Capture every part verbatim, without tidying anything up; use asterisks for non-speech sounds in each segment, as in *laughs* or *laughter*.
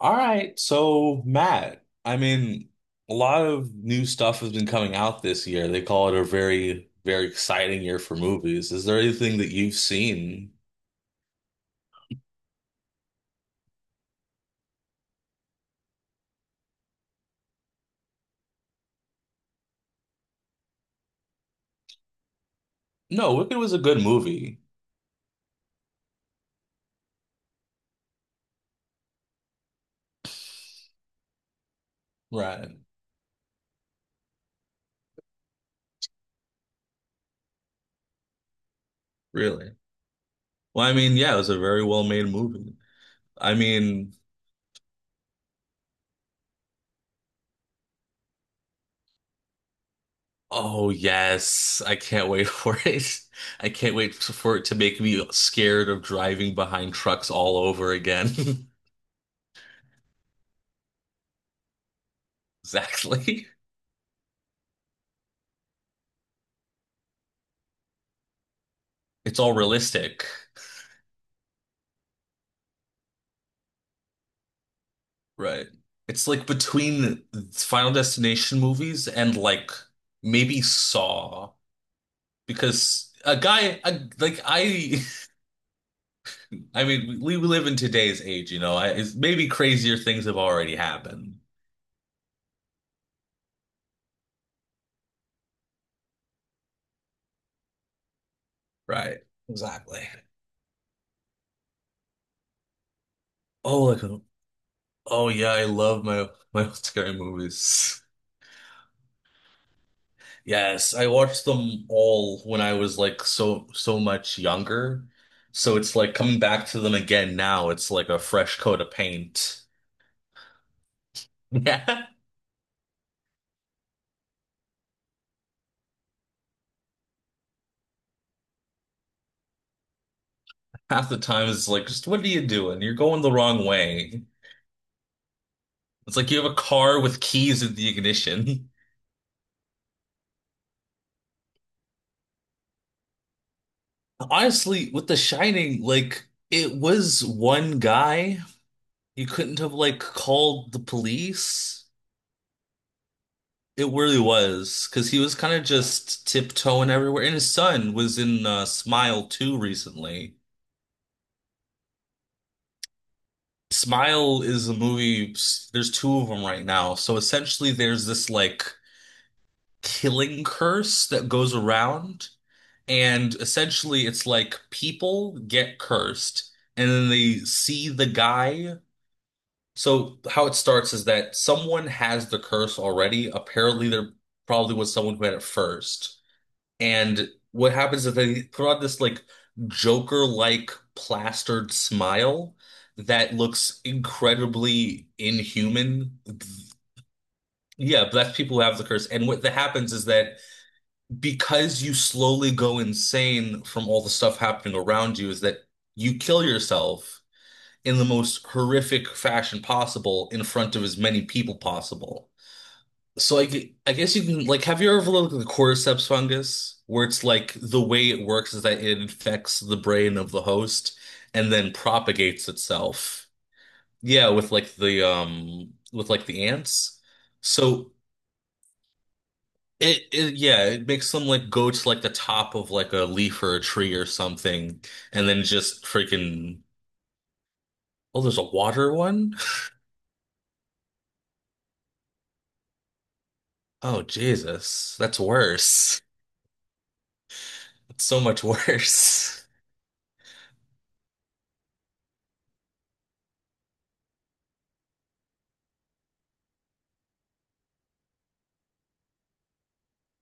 All right, so Matt, I mean, a lot of new stuff has been coming out this year. They call it a very, very exciting year for movies. Is there anything that you've seen? No, Wicked was a good movie. Right, really. Well, I mean, yeah, it was a very well-made movie. I mean, oh yes, I can't wait *laughs* for it. I can't wait for it to make me scared of driving behind trucks all over again. *laughs* Exactly. It's all realistic. Right. It's like between Final Destination movies and like maybe Saw because a guy a, like I *laughs* I mean we, we live in today's age, you know. I, it's maybe crazier things have already happened. Right. Exactly. Oh, like oh yeah, I love my my old *laughs* scary movies. Yes, I watched them all when I was like so so much younger. So it's like coming back to them again now, it's like a fresh coat of paint. *laughs* Yeah. Half the time it's like, just what are you doing? You're going the wrong way. It's like you have a car with keys in the ignition. *laughs* Honestly, with The Shining, like it was one guy. You couldn't have like called the police. It really was because he was kind of just tiptoeing everywhere. And his son was in uh, Smile two recently. Smile is a movie, there's two of them right now. So essentially, there's this like killing curse that goes around. And essentially, it's like people get cursed and then they see the guy. So, how it starts is that someone has the curse already. Apparently, there probably was someone who had it first. And what happens is they throw out this like Joker-like plastered smile that looks incredibly inhuman. Yeah, but that's people who have the curse. And what that happens is that because you slowly go insane from all the stuff happening around you is that you kill yourself in the most horrific fashion possible in front of as many people possible. So I, I guess you can like have you ever looked at the cordyceps fungus where it's like the way it works is that it infects the brain of the host and then propagates itself. Yeah, with like the um with like the ants. So It, it yeah, it makes them like go to like the top of like a leaf or a tree or something, and then just freaking oh, there's a water one? Oh Jesus, that's worse. That's so much *laughs* worse.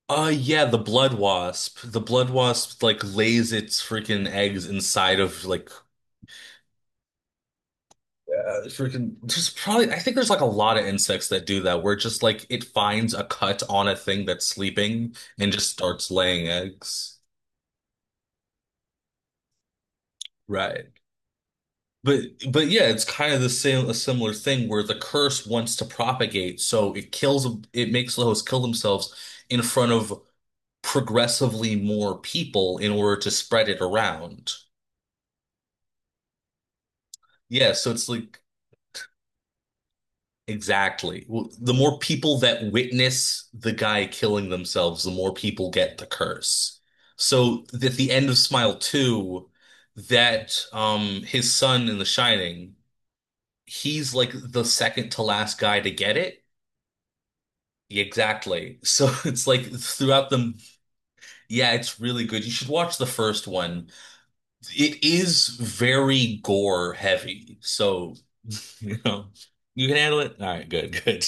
Uh yeah, the blood wasp. The blood wasp like lays its freaking eggs inside of like uh, freaking there's probably I think there's like a lot of insects that do that where just like it finds a cut on a thing that's sleeping and just starts laying eggs. Right. But but yeah, it's kind of the same a similar thing where the curse wants to propagate, so it kills it makes the host kill themselves in front of progressively more people in order to spread it around. Yeah, so it's like exactly. Well, the more people that witness the guy killing themselves, the more people get the curse. So at the end of Smile two, that um his son in The Shining, he's like the second to last guy to get it. Exactly. So *laughs* it's like throughout them, yeah, it's really good. You should watch the first one. It is very gore heavy. So, *laughs* you know, you can handle it. All right, good, *laughs* good.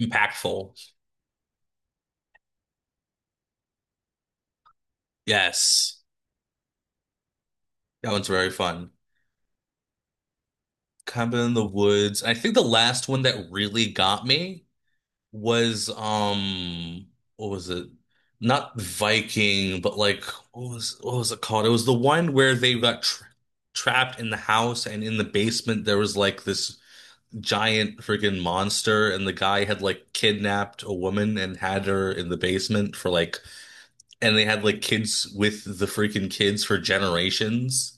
Impactful. Yes. That one's very fun. Cabin in the Woods. I think the last one that really got me was um what was it? Not Viking, but like what was what was it called? It was the one where they got tra trapped in the house and in the basement there was like this giant freaking monster and the guy had like kidnapped a woman and had her in the basement for like and they had like kids with the freaking kids for generations.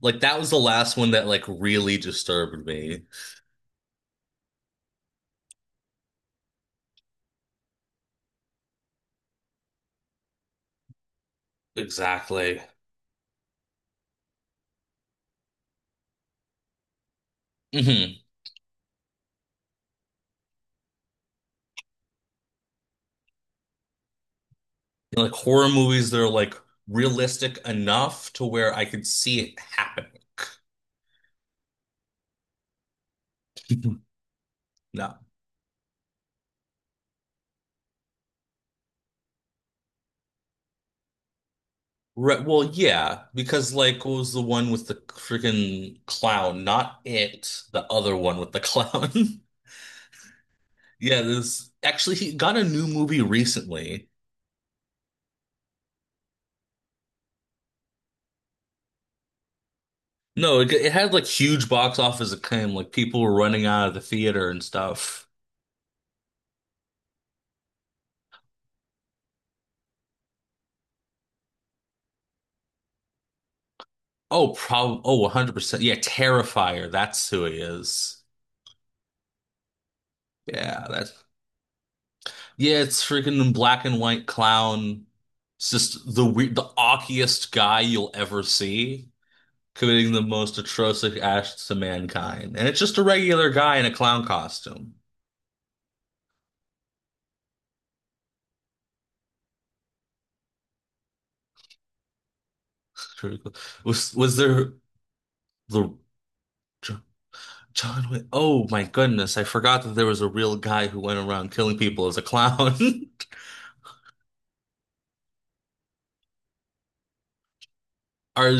Like that was the last one that like really disturbed me. Exactly. Mhm. Like horror movies that are like realistic enough to where I could see it happening. *laughs* No. Right, well, yeah, because like what was the one with the freaking clown? Not it, the other one with the clown. *laughs* Yeah, this actually he got a new movie recently. No, it, it had like huge box office acclaim. Like people were running out of the theater and stuff. Oh, probably. Oh, one hundred percent. Yeah, Terrifier. That's who he is. Yeah, that's yeah, it's freaking black and white clown. It's just the weird, the awkiest guy you'll ever see, committing the most atrocious acts to mankind. And it's just a regular guy in a clown costume. It's really cool. Was was there the Jo- John Wick? Oh my goodness, I forgot that there was a real guy who went around killing people as a clown. *laughs* Are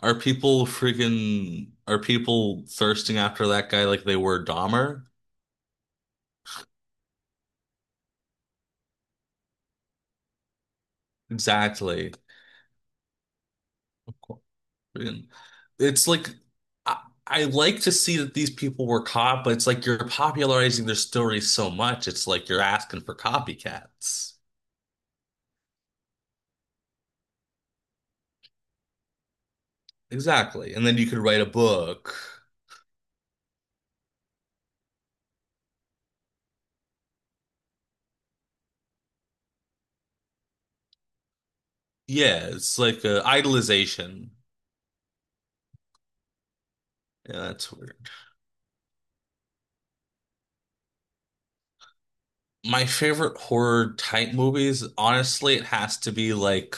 are people freaking are people thirsting after that guy like they were Dahmer? Exactly. And it's like I, I like to see that these people were caught, but it's like you're popularizing their stories so much. It's like you're asking for copycats. Exactly. And then you could write a book. Yeah, it's like a idolization. Yeah, that's weird. My favorite horror type movies, honestly, it has to be like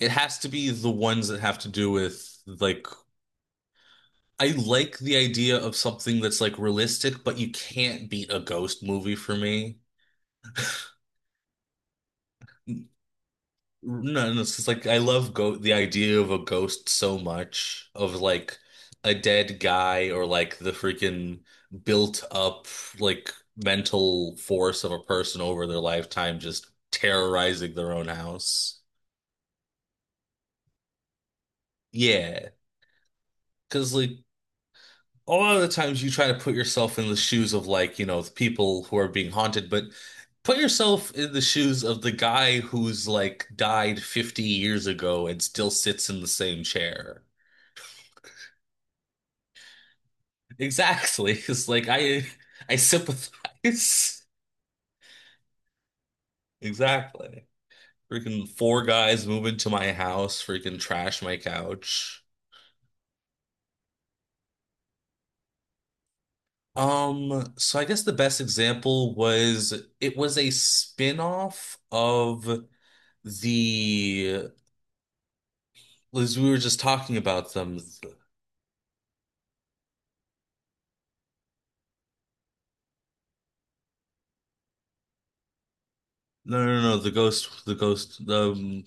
it has to be the ones that have to do with like I like the idea of something that's like realistic, but you can't beat a ghost movie for me. No, no, it's just like I love go the idea of a ghost so much of like a dead guy or like the freaking built up like mental force of a person over their lifetime just terrorizing their own house. Yeah, because like a lot of the times you try to put yourself in the shoes of like, you know, the people who are being haunted, but put yourself in the shoes of the guy who's like died fifty years ago and still sits in the same chair. Exactly. It's like I I sympathize. *laughs* Exactly. Freaking four guys move into my house, freaking trash my couch. Um, so I guess the best example was it was a spin-off of the as we were just talking about them. No, no, no, the ghost, the ghost, the um,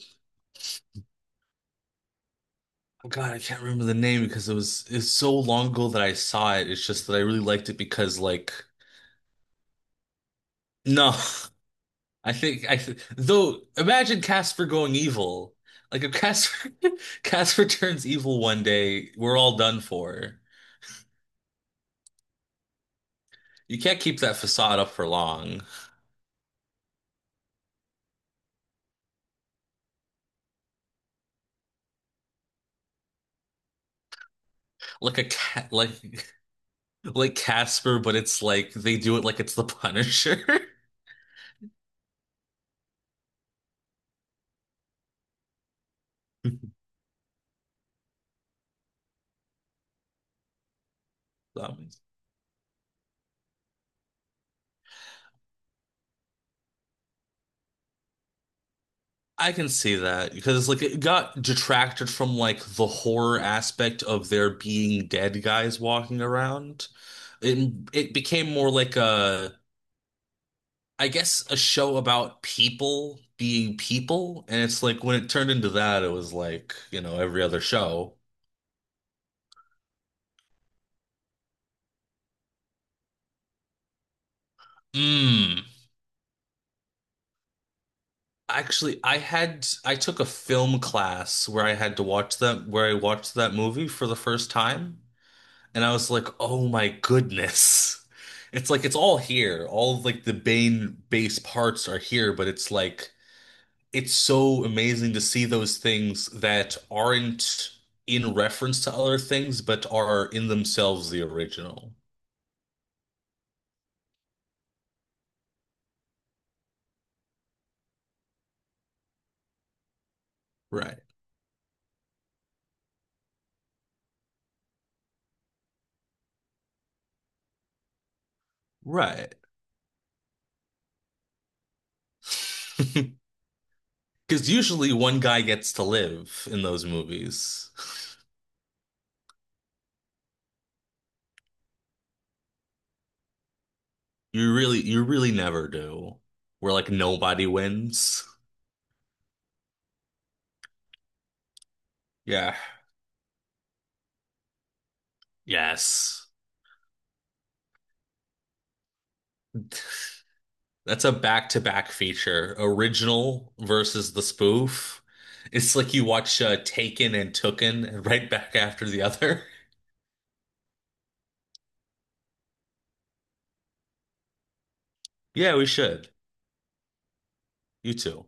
oh God, I can't remember the name because it was it's so long ago that I saw it. It's just that I really liked it because like no. *laughs* I think I th though imagine Casper going evil. Like if Casper *laughs* Casper turns evil one day, we're all done for. You can't keep that facade up for long. Like a cat like *laughs* like Casper, but it's like they do it like it's the Punisher. *laughs* Um, I can see that because like it got detracted from like the horror aspect of there being dead guys walking around. It it became more like a I guess a show about people being people. And it's like when it turned into that, it was like, you know, every other show. Mm. Actually, I had I took a film class where I had to watch that where I watched that movie for the first time, and I was like, "Oh my goodness." *laughs* It's like it's all here. All of like the main base parts are here, but it's like it's so amazing to see those things that aren't in reference to other things, but are in themselves the original. Right. Right. *laughs* Because usually one guy gets to live in those movies. *laughs* You really, you really never do. Where like nobody wins. Yeah. Yes. *laughs* That's a back-to-back feature, original versus the spoof. It's like you watch uh, Taken and Tooken right back after the other. *laughs* Yeah, we should. You too.